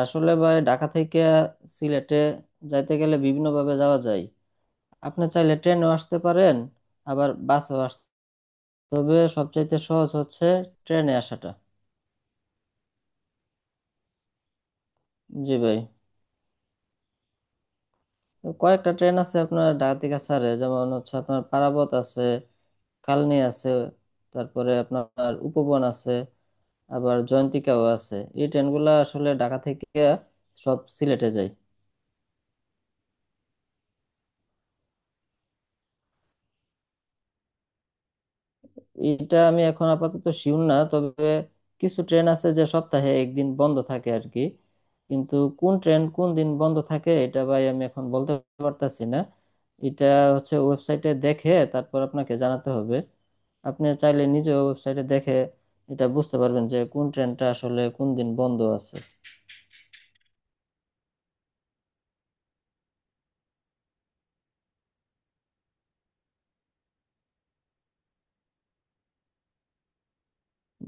আসলে ভাই ঢাকা থেকে সিলেটে যাইতে গেলে বিভিন্ন ভাবে যাওয়া যায়। আপনি চাইলে ট্রেনেও আসতে পারেন, আবার বাসেও আসতে। তবে সবচাইতে সহজ হচ্ছে ট্রেনে আসাটা। জি ভাই, তো কয়েকটা ট্রেন আছে আপনার ঢাকা থেকে ছাড়ে, যেমন হচ্ছে আপনার পারাবত আছে, কালনি আছে, তারপরে আপনার উপবন আছে, আবার জয়ন্তিকাও আছে। এই ট্রেনগুলো আসলে ঢাকা থেকে সব সিলেটে যায়। এটা আমি এখন আপাতত শিওর না, তবে কিছু ট্রেন আছে যে সপ্তাহে একদিন বন্ধ থাকে আর কি। কিন্তু কোন ট্রেন কোন দিন বন্ধ থাকে এটা ভাই আমি এখন বলতে পারতাছি না। এটা হচ্ছে ওয়েবসাইটে দেখে তারপর আপনাকে জানাতে হবে। আপনি চাইলে নিজে ওয়েবসাইটে দেখে এটা বুঝতে পারবেন যে কোন ট্রেনটা আসলে কোন দিন বন্ধ আছে।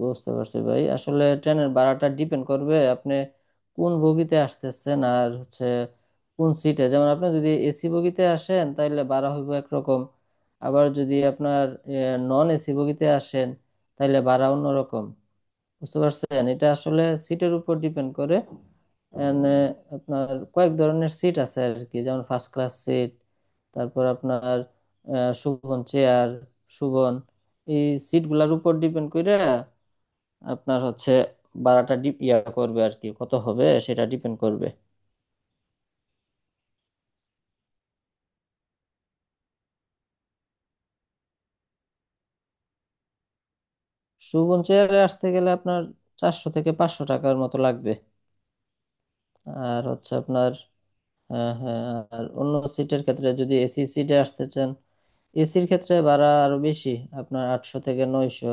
বুঝতে পারছি ভাই, আসলে ট্রেনের ভাড়াটা ডিপেন্ড করবে আপনি কোন বগিতে আসতেছেন আর হচ্ছে কোন সিটে। যেমন আপনি যদি এসি বগিতে আসেন তাহলে ভাড়া হইব একরকম, আবার যদি আপনার নন এসি বগিতে আসেন তাহলে ভাড়া অন্যরকম। বুঝতে পারছেন, এটা আসলে সিটের উপর ডিপেন্ড করে। আপনার কয়েক ধরনের সিট আছে আর কি, যেমন ফার্স্ট ক্লাস সিট, তারপর আপনার সুবন চেয়ার, সুবন এই সিটগুলোর উপর ডিপেন্ড করে আপনার হচ্ছে ভাড়াটা ডি- ইয়া করবে আর কি, কত হবে সেটা ডিপেন্ড করবে। সুবন চেয়ারে আসতে গেলে আপনার 400 থেকে 500 টাকার মতো লাগবে। আর হচ্ছে আপনার, হ্যাঁ হ্যাঁ, আর অন্য সিটের ক্ষেত্রে যদি এসি সিটে আসতে চান, এসির ক্ষেত্রে ভাড়া আরো বেশি, আপনার 800 থেকে 900।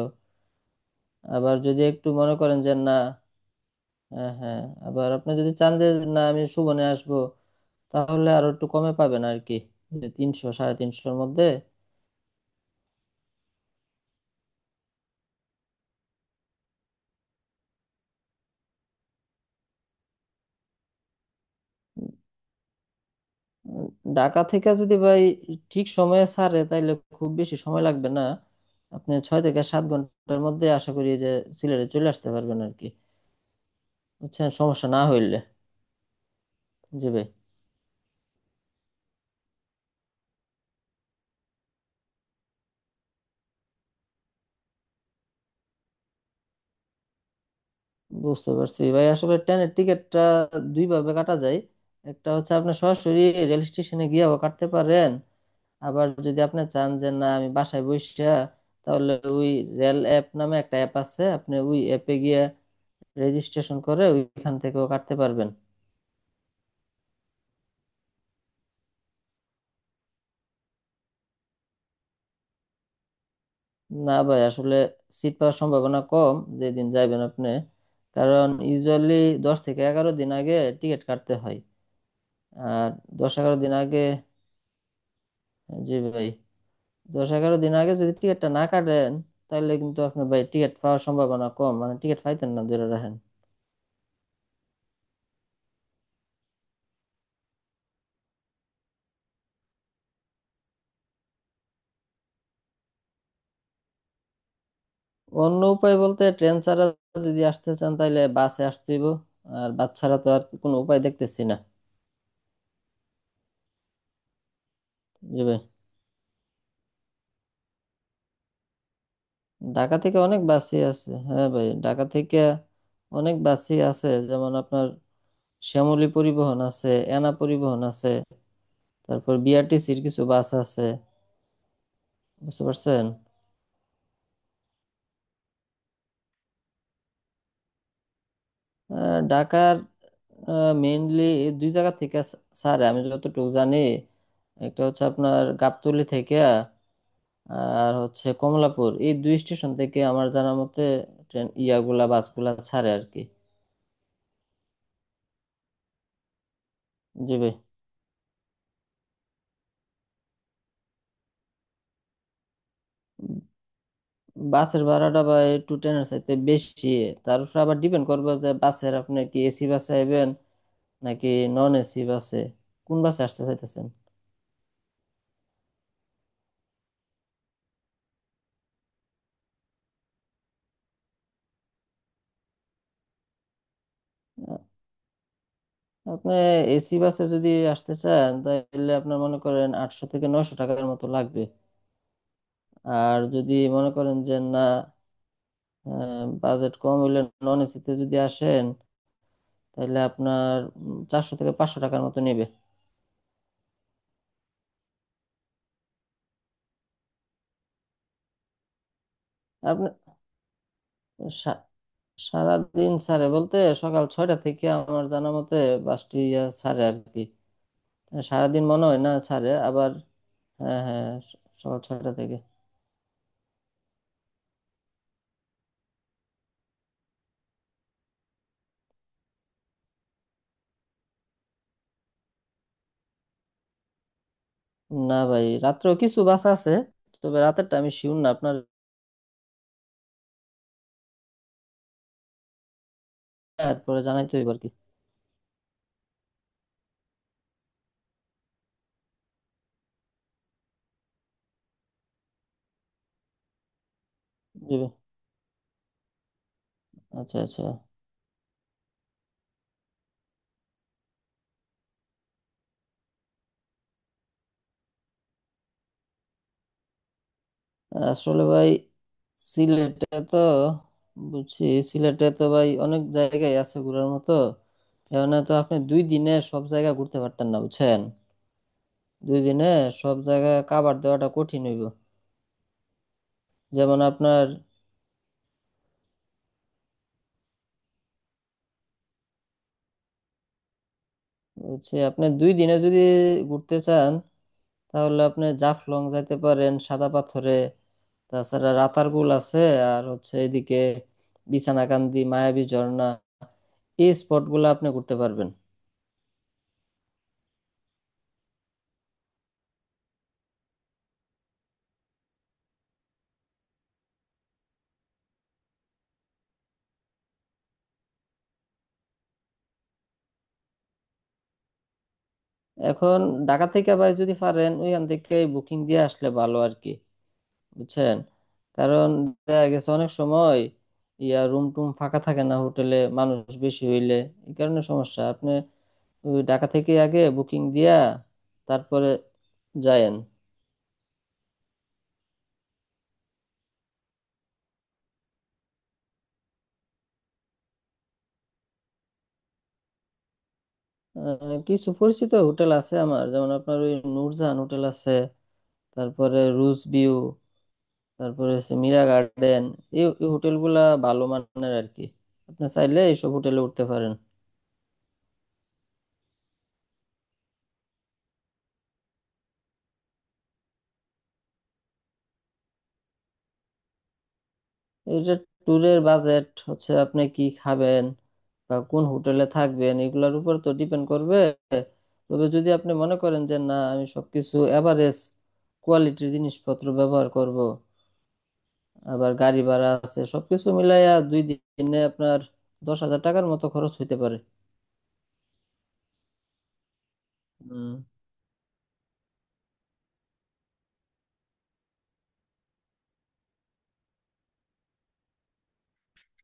আবার যদি একটু মনে করেন যে না, হ্যাঁ হ্যাঁ, আবার আপনি যদি চান যে না আমি সুবনে আসবো, তাহলে আরো একটু কমে পাবেন আর কি, যে 300 থেকে 350'র মধ্যে। উম, ঢাকা থেকে যদি ভাই ঠিক সময়ে ছাড়ে তাইলে খুব বেশি সময় লাগবে না, আপনি 6 থেকে 7 ঘন্টার মধ্যে আশা করি যে সিলেটে চলে আসতে পারবেন আর কি। বুঝছেন, সমস্যা না হইলে। জি ভাই, বুঝতে পারছি ভাই, আসলে ট্রেনের টিকিটটা দুই ভাবে কাটা যায়। একটা হচ্ছে আপনি সরাসরি রেল স্টেশনে গিয়েও কাটতে পারেন, আবার যদি আপনি চান যে না আমি বাসায় বসে, তাহলে ওই রেল অ্যাপ নামে একটা অ্যাপ আছে, আপনি ওই অ্যাপে গিয়ে রেজিস্ট্রেশন করে ওইখান থেকেও কাটতে পারবেন। না ভাই, আসলে সিট পাওয়ার সম্ভাবনা কম যেদিন যাইবেন আপনি, কারণ ইউজুয়ালি 10 থেকে 11 দিন আগে টিকিট কাটতে হয়। আর দশ এগারো দিন আগে, জি ভাই, 10-11 দিন আগে যদি টিকিটটা না কাটেন তাহলে কিন্তু আপনি ভাই টিকিট পাওয়ার সম্ভাবনা কম, মানে টিকিট পাইতেন না ধরে রাখেন। অন্য উপায় বলতে ট্রেন ছাড়া, যদি আসতে চান তাহলে বাসে আসতে হইব, আর বাস ছাড়া তো আর কোনো উপায় দেখতেছি না। জি ভাই, ঢাকা থেকে অনেক বাসই আছে। হ্যাঁ ভাই, ঢাকা থেকে অনেক বাসই আছে যেমন আপনার শ্যামলী পরিবহন আছে, এনা পরিবহন আছে, তারপর বিআরটিসির কিছু বাস আছে, বুঝতে পারছেন। ঢাকার মেইনলি দুই জায়গা থেকে, স্যার আমি যতটুকু জানি, একটা হচ্ছে আপনার গাবতলী থেকে, আর হচ্ছে কমলাপুর, এই দুই স্টেশন থেকে আমার জানা মতে ট্রেন ইয়াগুলা বাসগুলা ছাড়ে আর কি। জি ভাই, বাসের ভাড়াটা বা একটু ট্রেনের চাইতে বেশি, তার উপর আবার ডিপেন্ড করবে যে বাসের আপনি কি এসি বাসে আইবেন নাকি নন এসি বাসে, কোন বাসে আসতে চাইতেছেন। আপনি এসি বাসে যদি আসতে চান তাহলে আপনার মনে করেন 800 থেকে 900 টাকার মতো লাগবে। আর যদি মনে করেন যে না, বাজেট কম হইলে, নন এসিতে যদি আসেন তাহলে আপনার 400 থেকে 500 টাকার মতো নেবে। আপনি, সা- সারাদিন ছাড়ে বলতে সকাল 6টা থেকে, আমার জানা মতে বাসটি ছাড়ে আর কি। সারাদিন মনে হয় না ছাড়ে আবার। হ্যাঁ হ্যাঁ, সকাল 6টা থেকে। না ভাই, রাত্রেও কিছু বাস আছে, তবে রাতেরটা আমি শিওর না আপনার। তারপরে জানাই তো এবার কি দিবে। আচ্ছা আচ্ছা। আসলে ভাই সিলেটে তো, বুঝছি, সিলেটে তো ভাই অনেক জায়গায় আছে ঘোরার মতো, এখানে তো আপনি দুই দিনে সব জায়গা ঘুরতে পারতেন না, বুঝছেন। দুই দিনে সব জায়গা কাভার দেওয়াটা কঠিন হইব। যেমন আপনার হচ্ছে, আপনি দুই দিনে যদি ঘুরতে চান তাহলে আপনি জাফলং যাইতে পারেন, সাদা পাথরে, তাছাড়া রাতারগুল আছে, আর হচ্ছে এদিকে বিছানাকান্দি, মায়াবী ঝর্ণা, এই স্পটগুলো আপনি ঘুরতে পারবেন। এখন ঢাকা থেকে ভাই যদি পারেন ওইখান থেকে বুকিং দিয়ে আসলে ভালো আর কি, বুঝছেন। কারণ দেখা গেছে অনেক সময় ইয়া রুম টুম ফাঁকা থাকে না হোটেলে মানুষ বেশি হইলে, এই কারণে সমস্যা। আপনি ওই ঢাকা থেকে আগে বুকিং দিয়া তারপরে যায়েন। কিছু পরিচিত হোটেল আছে আমার, যেমন আপনার ওই নূরজাহান হোটেল আছে, তারপরে রুজ ভিউ, তারপরে হচ্ছে মীরা গার্ডেন। এই এই হোটেলগুলা ভালো মানের আর কি, আপনি চাইলে এইসব হোটেলে উঠতে পারেন। এটা ট্যুরের বাজেট হচ্ছে আপনি কি খাবেন বা কোন হোটেলে থাকবেন এগুলার উপর তো ডিপেন্ড করবে। তবে যদি আপনি মনে করেন যে না আমি সবকিছু এভারেজ কোয়ালিটির জিনিসপত্র ব্যবহার করব, আবার গাড়ি ভাড়া আছে সবকিছু মিলাইয়া দুই দিনে আপনার 10,000 টাকার মতো খরচ হইতে পারে। উম,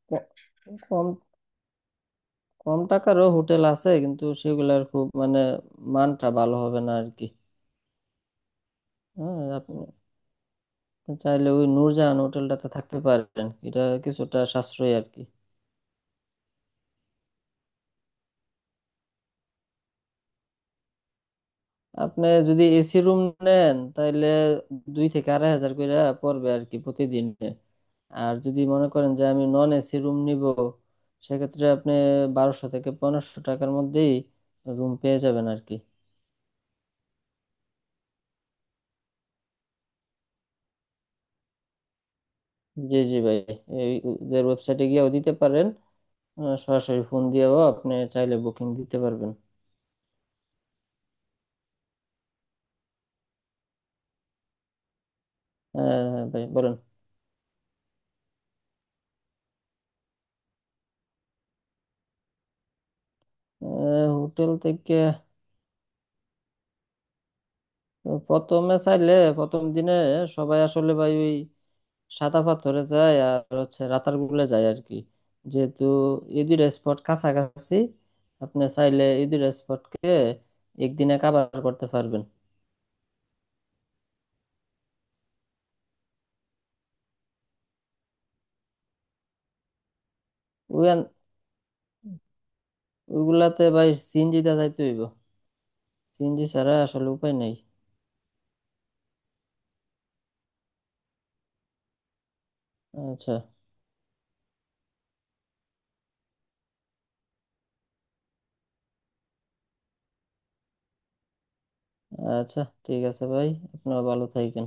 ক- কম কম টাকারও হোটেল আছে কিন্তু সেগুলার খুব মানে মানটা ভালো হবে না আর কি। হ্যাঁ আপনি, চাইলে ওই নূরজাহান হোটেলটাতে থাকতে পারেন, এটা কিছুটা সাশ্রয়ী আর কি। আপনি যদি এসি রুম নেন তাহলে 2,000 থেকে 2,500 করে পড়বে আর কি প্রতিদিনে। আর যদি মনে করেন যে আমি নন এসি রুম নিব, সেক্ষেত্রে আপনি 1,200 থেকে 1,500 টাকার মধ্যেই রুম পেয়ে যাবেন আর কি। জি জি ভাই, এই ওদের ওয়েবসাইটে গিয়েও দিতে পারেন, সরাসরি ফোন দিয়েও আপনি চাইলে বুকিং দিতে পারবেন। ভাই বলেন। হোটেল থেকে, প্রথমে চাইলে প্রথম দিনে সবাই আসলে ভাই ওই সাদা পাথরে যায় আর হচ্ছে রাতারগুলে যায় আর কি, যেহেতু এই দুইটা স্পট কাছাকাছি, আপনি চাইলে এই দুইটা স্পটকে একদিনে কাভার করতে পারবেন। ওই আন- ওইগুলাতে ভাই সিএনজি দিয়ে যাইতে হইব, সিএনজি ছাড়া আসলে উপায় নেই। আচ্ছা আচ্ছা, ঠিক আছে ভাই, আপনিও ভালো থাকেন।